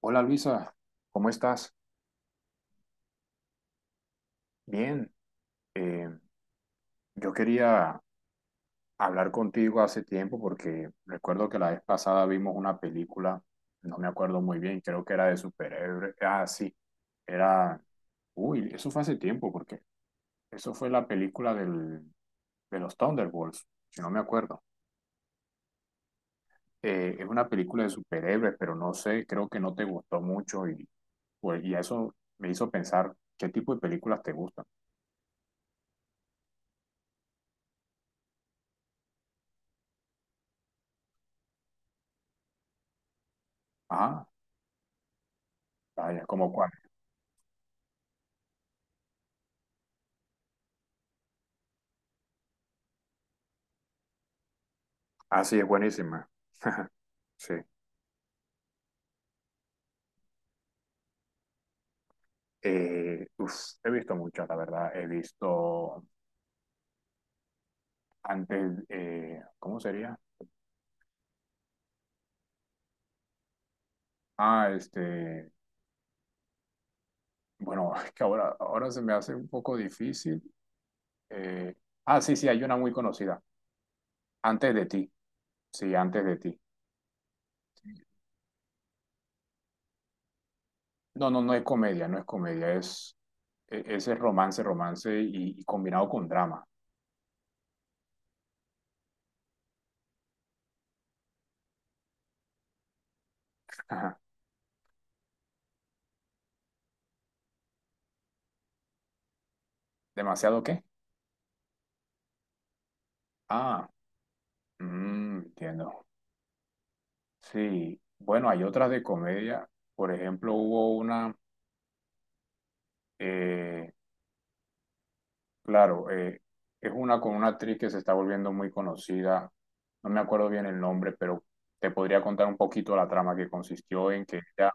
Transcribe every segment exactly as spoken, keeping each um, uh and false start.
Hola Luisa, ¿cómo estás? Bien, eh, yo quería hablar contigo hace tiempo porque recuerdo que la vez pasada vimos una película, no me acuerdo muy bien, creo que era de superhéroes. Ah, sí, era... Uy, eso fue hace tiempo porque eso fue la película del, de los Thunderbolts, si no me acuerdo. Eh, es una película de superhéroes, pero no sé, creo que no te gustó mucho y, pues, y eso me hizo pensar qué tipo de películas te gustan. Ah, vaya, ¿como cuál? Ah, sí, es buenísima. Sí. Eh, uf, he visto muchas, la verdad. He visto antes, eh, ¿cómo sería? Ah, este, bueno, es que ahora, ahora se me hace un poco difícil. Eh, ah, sí, sí, hay una muy conocida. Antes de ti. Sí, antes de ti. No, no, no es comedia, no es comedia, es, e- ese romance, romance y, y combinado con drama. Ajá. ¿Demasiado qué? Ah, mm, entiendo. Sí, bueno, hay otras de comedia. Por ejemplo, hubo una, eh, claro, eh, es una con una actriz que se está volviendo muy conocida. No me acuerdo bien el nombre, pero te podría contar un poquito la trama que consistió en que ella,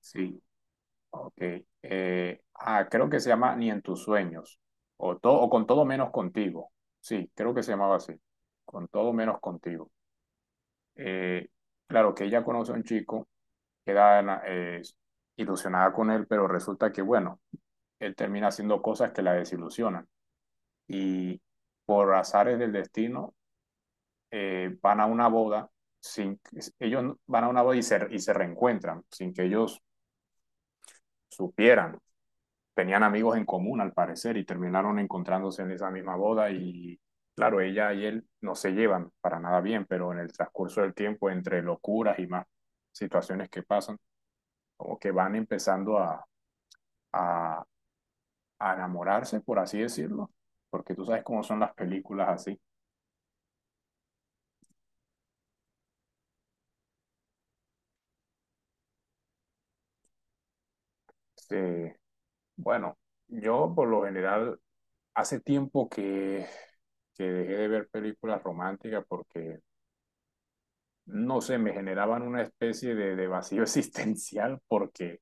sí, ok. Eh, ah, creo que se llama Ni en tus sueños, o, to- o con todo menos contigo. Sí, creo que se llamaba así, con todo menos contigo. Eh, claro, que ella conoce a un chico queda eh, ilusionada con él, pero resulta que, bueno, él termina haciendo cosas que la desilusionan. Y por azares del destino, eh, van a una boda, sin, ellos van a una boda y se, y se reencuentran, sin que ellos supieran. Tenían amigos en común, al parecer, y terminaron encontrándose en esa misma boda y claro, ella y él no se llevan para nada bien, pero en el transcurso del tiempo, entre locuras y más situaciones que pasan, como que van empezando a, a a enamorarse, por así decirlo, porque tú sabes cómo son las películas así. Este, bueno, yo por lo general hace tiempo que, que dejé de ver películas románticas porque, no sé, me generaban una especie de, de vacío existencial porque,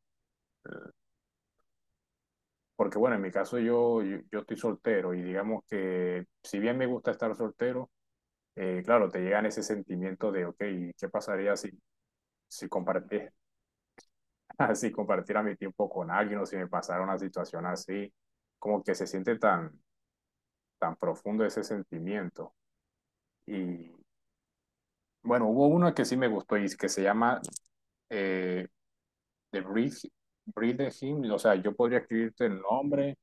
porque, bueno, en mi caso yo, yo, yo estoy soltero y digamos que si bien me gusta estar soltero, eh, claro, te llegan ese sentimiento de, ok, ¿qué pasaría si, si compartes- si compartiera mi tiempo con alguien o si me pasara una situación así, como que se siente tan, tan profundo ese sentimiento. Y bueno, hubo una que sí me gustó y que se llama eh, The Breathe, Breathe Hymn, o sea, yo podría escribirte el nombre,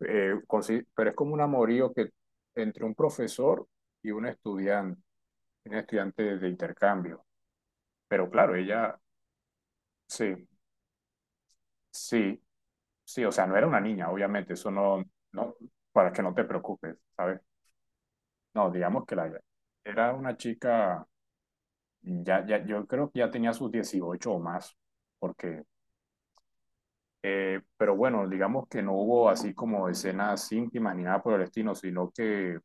eh, consi- pero es como un amorío que entre un profesor y un estudiante, un estudiante de intercambio. Pero claro, ella, sí, sí, sí, o sea, no era una niña, obviamente, eso no, no, para que no te preocupes, ¿sabes? No, digamos que la, era una chica, ya, ya, yo creo que ya tenía sus dieciocho o más, porque, eh, pero bueno, digamos que no hubo así como escenas íntimas ni nada por el estilo, sino que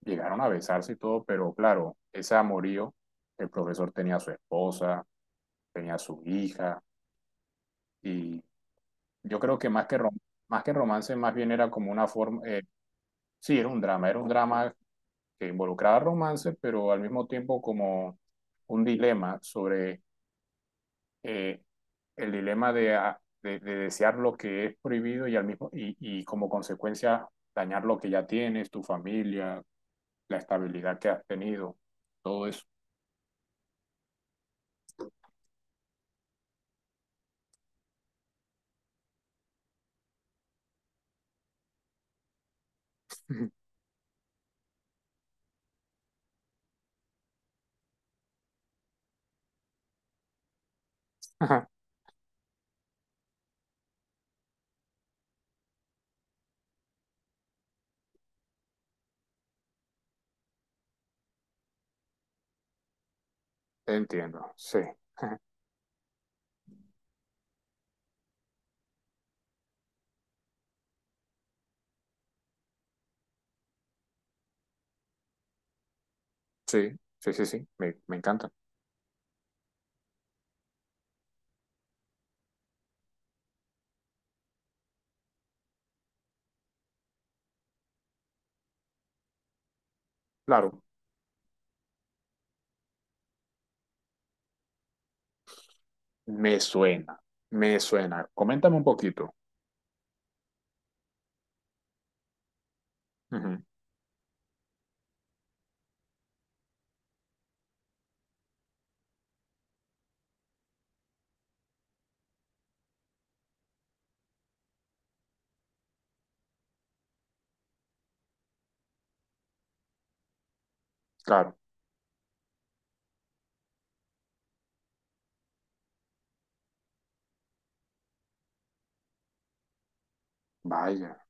llegaron a besarse y todo, pero claro, ese amorío, el profesor tenía a su esposa, tenía a su hija, y yo creo que más que, rom- más que romance, más bien era como una forma, eh, sí, era un drama, era un drama que involucraba romance, pero al mismo tiempo como un dilema sobre eh, el dilema de, a- de- de desear lo que es prohibido y, al mismo, y, y como consecuencia dañar lo que ya tienes, tu familia, la estabilidad que has tenido, todo eso. Ujú. Ajá. Entiendo, sí. Ajá. Sí, sí, sí, sí, me, me encanta. Claro, me suena, me suena. Coméntame un poquito. Ujú. Claro, vaya,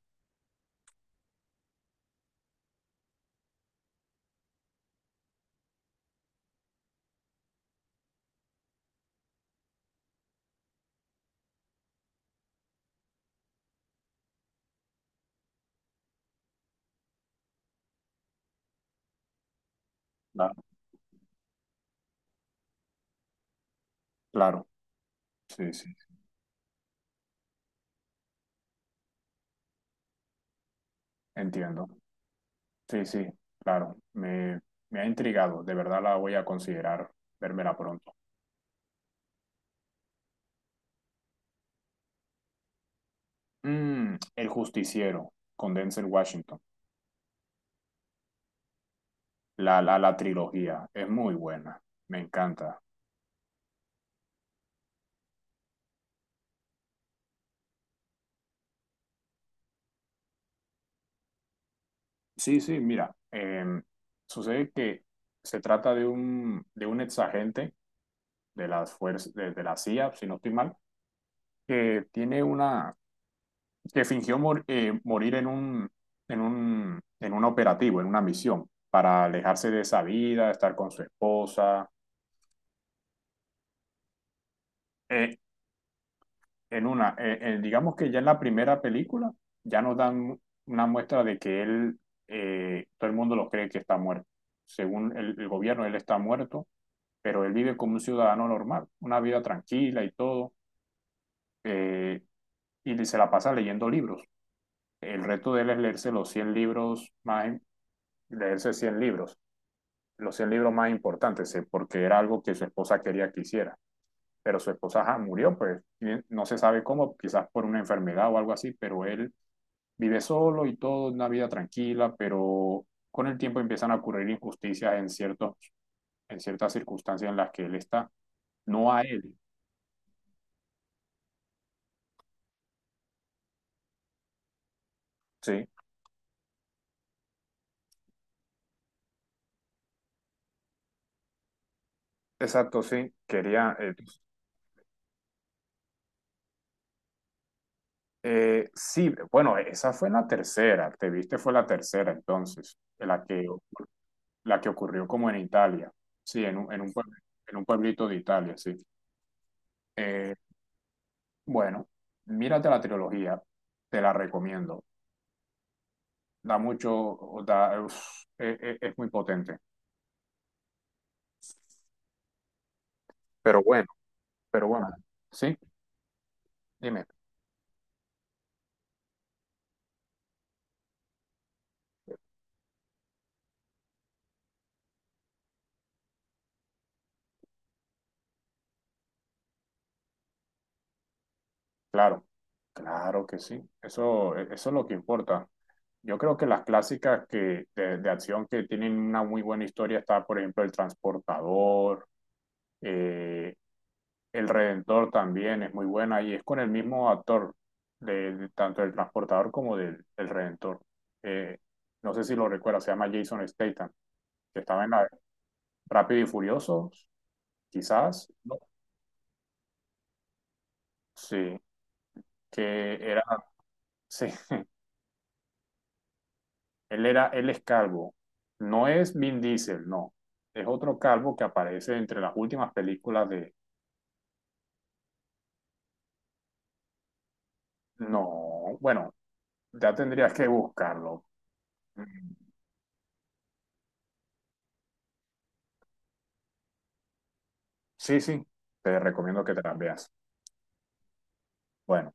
claro claro, sí, sí, entiendo. Sí, sí, claro, me, me ha intrigado, de verdad la voy a considerar, vérmela pronto. Mm, El Justiciero con Denzel Washington. La, la, la trilogía es muy buena, me encanta. Sí, sí, mira, em, sucede que se trata de un, de un exagente de las fuerzas, de, de la C I A, si no estoy mal, que tiene una, que fingió mor- eh, morir en un, en un, en un operativo, en una misión, para alejarse de esa vida, estar con su esposa. Eh, en una, eh, eh, digamos que ya en la primera película ya nos dan una muestra de que él, eh, todo el mundo lo cree que está muerto. Según el, el gobierno, él está muerto, pero él vive como un ciudadano normal, una vida tranquila y todo, eh, y se la pasa leyendo libros. El reto de él es leerse los cien libros más, leerse cien libros, los cien libros más importantes, eh, porque era algo que su esposa quería que hiciera. Pero su esposa ajá, murió, pues no se sabe cómo, quizás por una enfermedad o algo así, pero él vive solo y todo, una vida tranquila, pero con el tiempo empiezan a ocurrir injusticias en ciertos, en ciertas circunstancias en las que él está, no a él. Sí, exacto, sí. Quería. Eh, eh, sí, bueno, esa fue la tercera. Te viste, fue la tercera entonces, la que, la que ocurrió como en Italia. Sí, en un, en un, puebl- en un pueblito de Italia, sí. Eh, bueno, mírate la trilogía, te la recomiendo. Da mucho, da, uf, eh, eh, es muy potente. Pero bueno, pero bueno, sí, dime. Claro, claro que sí. Eso, e- eso es lo que importa. Yo creo que las clásicas que, de, de acción que tienen una muy buena historia está, por ejemplo, El Transportador, eh, El Redentor también es muy buena y es con el mismo actor, de, de tanto del Transportador como del, del Redentor. Eh, no sé si lo recuerdas, se llama Jason Statham, que estaba en la Rápido y Furioso, quizás, ¿no? Sí, que era, sí, él era, él es calvo. No es Vin Diesel, no. Es otro calvo que aparece entre las últimas películas de... No, bueno, ya tendrías que buscarlo. Mm, sí, sí, te recomiendo que te las veas. Bueno.